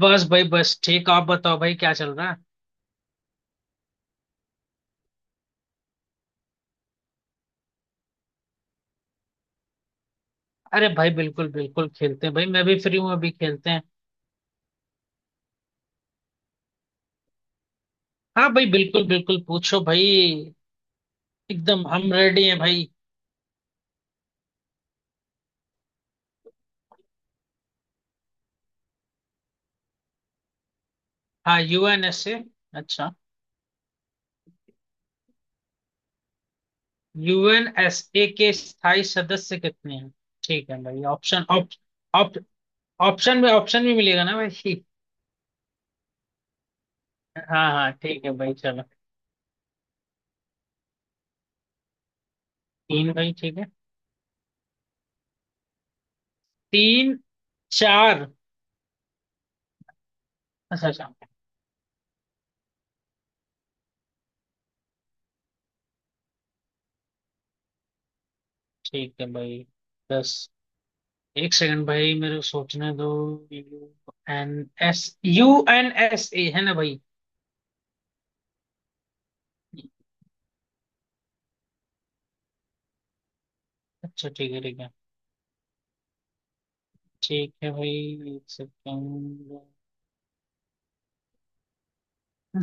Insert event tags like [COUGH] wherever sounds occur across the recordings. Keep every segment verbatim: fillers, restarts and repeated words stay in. बस भाई बस ठीक। आप बताओ भाई क्या चल रहा है। अरे भाई बिल्कुल बिल्कुल खेलते हैं भाई। मैं भी फ्री हूँ, अभी खेलते हैं। हाँ भाई बिल्कुल बिल्कुल पूछो भाई। एकदम हम रेडी हैं भाई। हाँ यू एन एस ए। अच्छा, यू एन एस ए के स्थायी सदस्य कितने हैं? ठीक है भाई, ऑप्शन ऑप्शन। ऑप्शन में ऑप्शन भी मिलेगा ना भाई? हाँ हाँ ठीक है भाई चलो। तीन भाई ठीक है। तीन। चार। अच्छा अच्छा ठीक है भाई। दस। एक सेकंड भाई, मेरे को सोचने दो। U N S. U N S A है ना भाई? अच्छा ठीक है ठीक है। ठीक है भाई, एक सेकंड।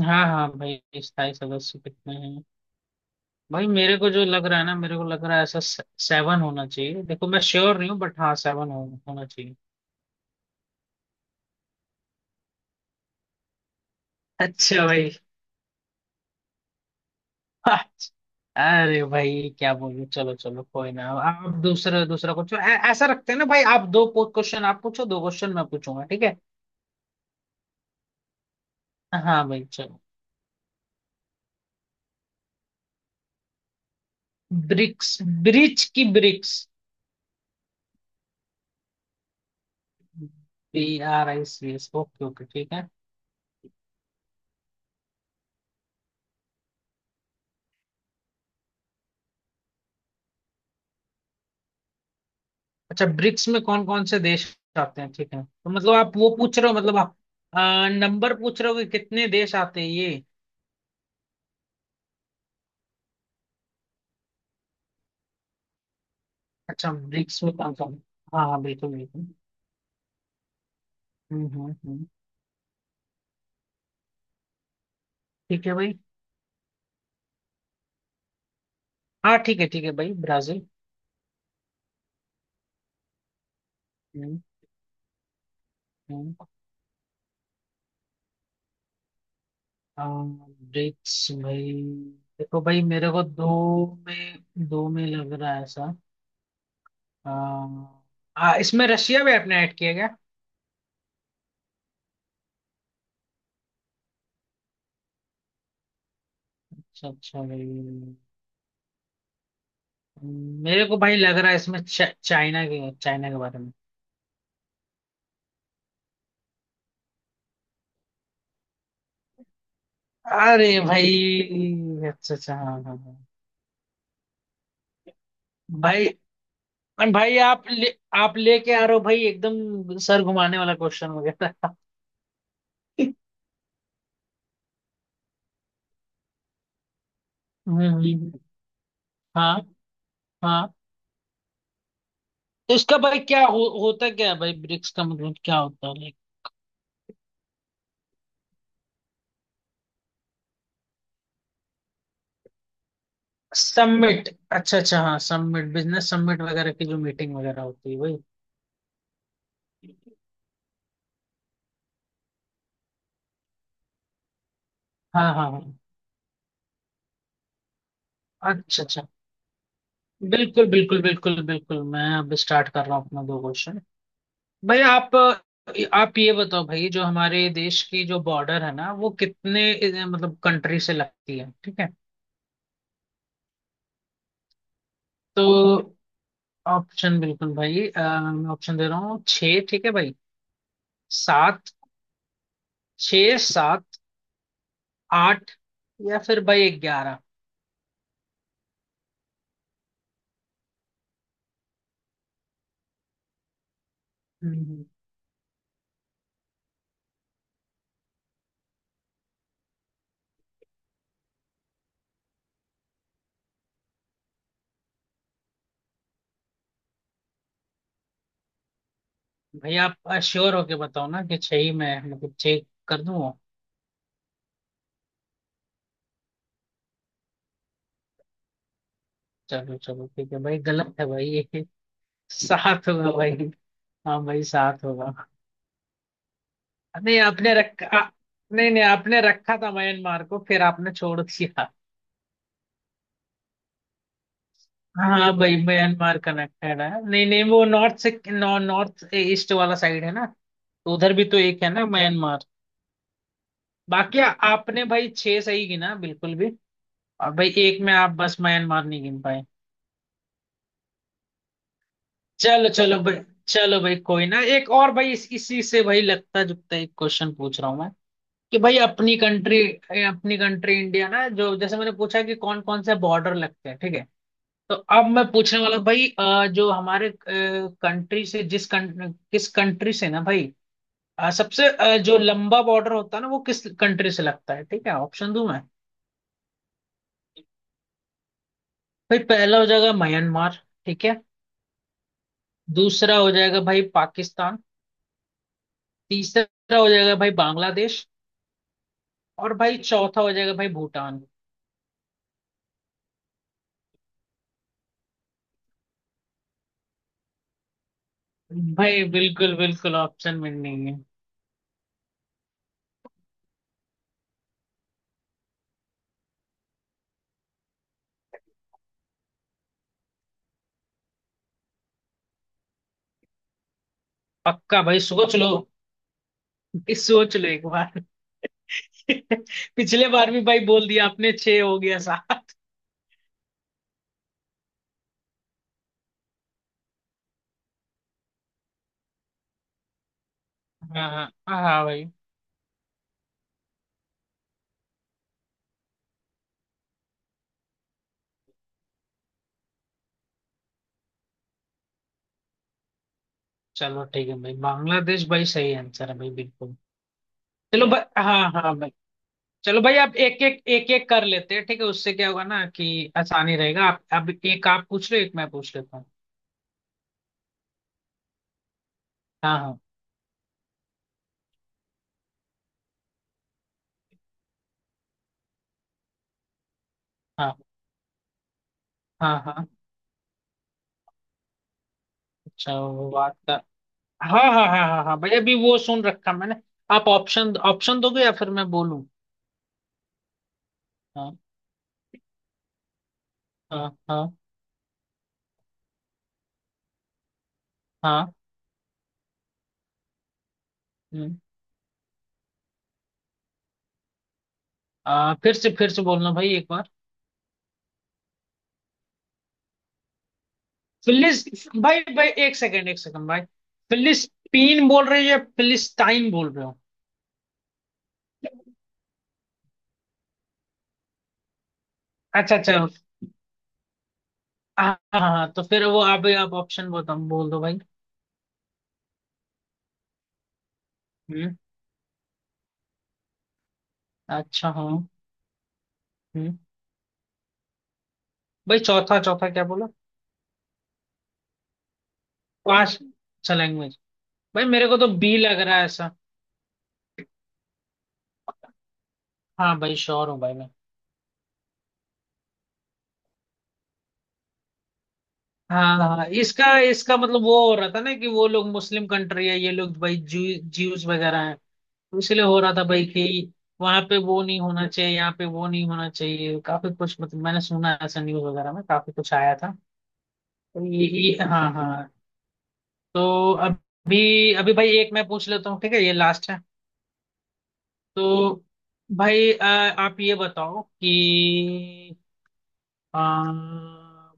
हाँ हाँ भाई, स्थायी सदस्य कितने हैं। भाई मेरे को जो लग रहा है ना, मेरे को लग रहा है ऐसा से, सेवन होना चाहिए। देखो मैं श्योर नहीं हूँ बट हाँ सेवन हो, होना चाहिए। अच्छा भाई। अच्छा। अरे भाई क्या बोलूं। चलो चलो कोई ना, आप दूसरा दूसरा कुछ ऐ- ऐसा रखते हैं ना भाई। आप दो क्वेश्चन आप पूछो, दो क्वेश्चन मैं पूछूंगा, ठीक है। हाँ भाई चलो। ब्रिक्स। ब्रिज की BRICS. B R I C S, okay okay ठीक है। अच्छा ब्रिक्स में कौन कौन से देश आते हैं ठीक है। तो मतलब आप वो पूछ रहे हो, मतलब आप नंबर पूछ रहे हो कि कितने देश आते हैं ये। अच्छा ब्रिक्स में कौन कौन। हाँ हाँ बिल्कुल बिल्कुल। हम्म हम्म हम्म। ठीक है भाई। हाँ ठीक है ठीक है भाई, ब्राजील। हम्म। हम्म। अ, ब्रिक्स भाई। देखो भाई मेरे को दो में, दो में लग रहा है ऐसा। हाँ। हाँ, इसमें रशिया भी आपने ऐड किया क्या? अच्छा अच्छा भाई। मेरे को भाई लग रहा है इसमें चा, चाइना के, चाइना के बारे में। अरे भाई अच्छा अच्छा हाँ हाँ हाँ भाई। भाई आप ले आप लेके आ रहे हो भाई एकदम सर घुमाने वाला क्वेश्चन वगैरह। हम्म हम्म। हाँ हाँ। तो इसका भाई क्या हो, होता क्या है भाई, ब्रिक्स का मतलब क्या होता है लाइक। समिट। अच्छा अच्छा हाँ, समिट, बिजनेस समिट वगैरह की जो मीटिंग वगैरह होती है भाई। हाँ हाँ हाँ। अच्छा अच्छा। बिल्कुल बिल्कुल बिल्कुल बिल्कुल, मैं अब स्टार्ट कर रहा हूँ अपना दो क्वेश्चन। भाई आप आप ये बताओ भाई, जो हमारे देश की जो बॉर्डर है ना, वो कितने अ, मतलब कंट्री से लगती है, ठीक है। तो ऑप्शन बिल्कुल भाई, अ, मैं ऑप्शन दे रहा हूँ। छः ठीक है भाई। सात। छः, सात। आठ। या फिर भाई ग्यारह। हम्म। भाई आप श्योर होके बताओ ना कि छः ही, मैं मतलब चेक कर दूँ। चलो चलो ठीक है भाई, गलत है भाई [LAUGHS] ये। सात हुआ भाई। हाँ भाई सात होगा। नहीं आपने रखा। नहीं नहीं आपने रखा था म्यांमार को, फिर आपने छोड़ दिया। हाँ भाई म्यांमार कनेक्टेड है। नहीं नहीं वो नॉर्थ से नॉ, नॉर्थ ईस्ट वाला साइड है ना। तो उधर भी तो एक है ना म्यांमार। बाकी आपने भाई छह सही गिना बिल्कुल भी। और भाई एक में आप बस म्यांमार नहीं गिन पाए। चलो चलो भाई। चलो भाई कोई ना, एक और भाई इस, इसी से भाई लगता जुगता एक क्वेश्चन पूछ रहा हूँ मैं। कि भाई अपनी कंट्री, अपनी कंट्री इंडिया ना, जो जैसे मैंने पूछा कि कौन कौन से बॉर्डर लगते हैं ठीक है। तो अब मैं पूछने वाला हूं भाई, अ, जो हमारे कंट्री से, जिस कं, किस कंट्री से ना भाई, अ, सबसे अ, जो लंबा बॉर्डर होता है ना, वो किस कंट्री से लगता है ठीक है। ऑप्शन दूं मैं? भाई पहला हो जाएगा म्यांमार, ठीक है। दूसरा हो जाएगा भाई पाकिस्तान। तीसरा हो जाएगा भाई बांग्लादेश। और भाई चौथा हो जाएगा भाई भूटान। भाई बिल्कुल बिल्कुल ऑप्शन में नहीं है। पक्का भाई, सोच लो। ये सोच लो एक बार। [LAUGHS] पिछले बार भी भाई बोल दिया आपने छह, हो गया सात। हाँ हाँ हाँ भाई। चलो ठीक है भाई, बांग्लादेश भाई सही आंसर है भाई बिल्कुल। चलो भाई हाँ हाँ भाई। चलो भाई आप एक एक, एक एक कर लेते हैं ठीक है। उससे क्या होगा ना कि आसानी रहेगा। आप अब एक आप पूछ रहे हो, एक मैं पूछ लेता हूँ। हाँ हाँ। हाँ हाँ हाँ। अच्छा वो बात का। हाँ हाँ हाँ हाँ हाँ भाई, अभी वो सुन रखा मैंने। आप ऑप्शन ऑप्शन दोगे या फिर मैं बोलूँ? हाँ हाँ। हाँ हाँ। हम्म। आ, फिर से फिर से बोलना भाई एक बार। फिलिस। भाई भाई एक सेकंड एक सेकंड भाई। फिलिस्तीन बोल रहे हो या फिलिस्टाइन बोल रहे हो? अच्छा अच्छा हाँ। हाँ हाँ, हाँ। तो फिर वो आप आप ऑप्शन बता, बोल दो भाई। हम्म। अच्छा हाँ। हम्म। भाई चौथा, चौथा क्या बोला? पांच। अच्छा लैंग्वेज। भाई मेरे को तो बी लग रहा है ऐसा। हाँ भाई श्योर हूँ भाई मैं। हाँ हाँ हाँ। इसका, इसका मतलब वो हो रहा था ना कि वो लोग मुस्लिम कंट्री है, ये लोग भाई ज्यू, ज्यूज वगैरह। इसलिए हो रहा था भाई कि वहां पे वो नहीं होना चाहिए, यहाँ पे वो नहीं होना चाहिए, काफी कुछ मतलब मैंने सुना ऐसा न्यूज वगैरह में, काफी कुछ आया था। तो ये, ये हाँ हाँ। तो अभी अभी भाई एक मैं पूछ लेता हूँ, ठीक है, ये लास्ट है। तो भाई अ, आप ये बताओ कि अ,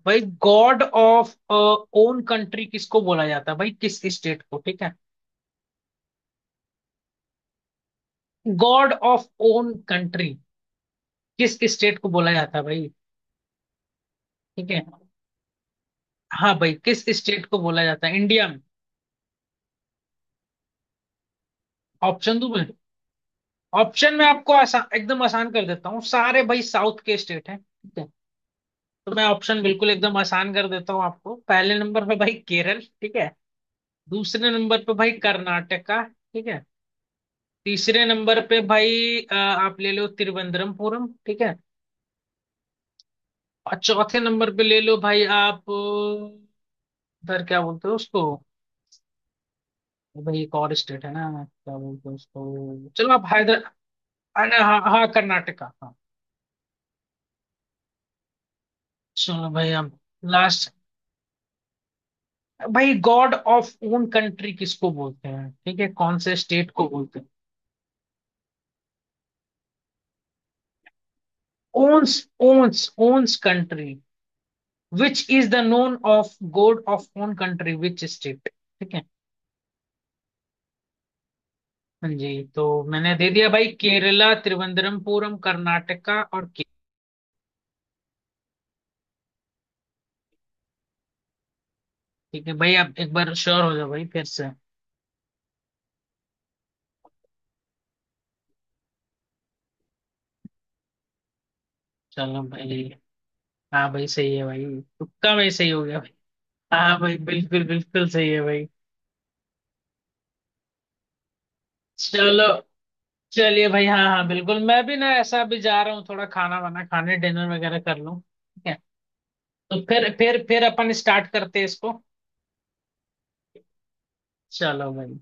भाई गॉड ऑफ ओन कंट्री किसको बोला जाता है भाई, किस स्टेट को, ठीक है। गॉड ऑफ ओन कंट्री किस स्टेट को बोला जाता है भाई, ठीक है। हाँ भाई किस स्टेट को बोला जाता है इंडिया में। ऑप्शन दो भाई। ऑप्शन में आपको आसान, एकदम आसान कर देता हूँ, सारे भाई साउथ के स्टेट हैं ठीक है। तो मैं ऑप्शन बिल्कुल एकदम आसान कर देता हूँ आपको। पहले नंबर पे भाई केरल, ठीक है। दूसरे नंबर पे भाई कर्नाटका, ठीक है। तीसरे नंबर पे भाई अ, आप ले लो तिरुवनंतपुरम, ठीक है। और चौथे नंबर पे ले लो भाई आप, अ, उधर क्या बोलते हो उसको, भाई एक और स्टेट है ना क्या बोलते हैं उसको, चलो आप हैदर। हाँ। हाँ कर्नाटका हाँ। चलो भाई अब। लास्ट। भाई गॉड ऑफ ओन कंट्री किसको बोलते हैं ठीक है, कौन से स्टेट को बोलते हैं। Owns, owns, owns country, which is the known of god of own country which state, ठीक है। हाँ जी, तो मैंने दे दिया भाई केरला, त्रिवंद्रमपुरम, कर्नाटका और के। ठीक है भाई आप एक बार श्योर हो जाओ भाई फिर से। चलो भाई। हाँ भाई सही है भाई। तुक्का भाई सही हो गया भाई। हाँ भाई बिल्कुल बिल्कुल सही है भाई। चलो। चलिए भाई हाँ हाँ बिल्कुल। मैं भी ना ऐसा अभी जा रहा हूँ, थोड़ा खाना वाना खाने, डिनर वगैरह कर लूँ ठीक है। तो फिर फिर फिर अपन स्टार्ट करते हैं इसको। चलो भाई।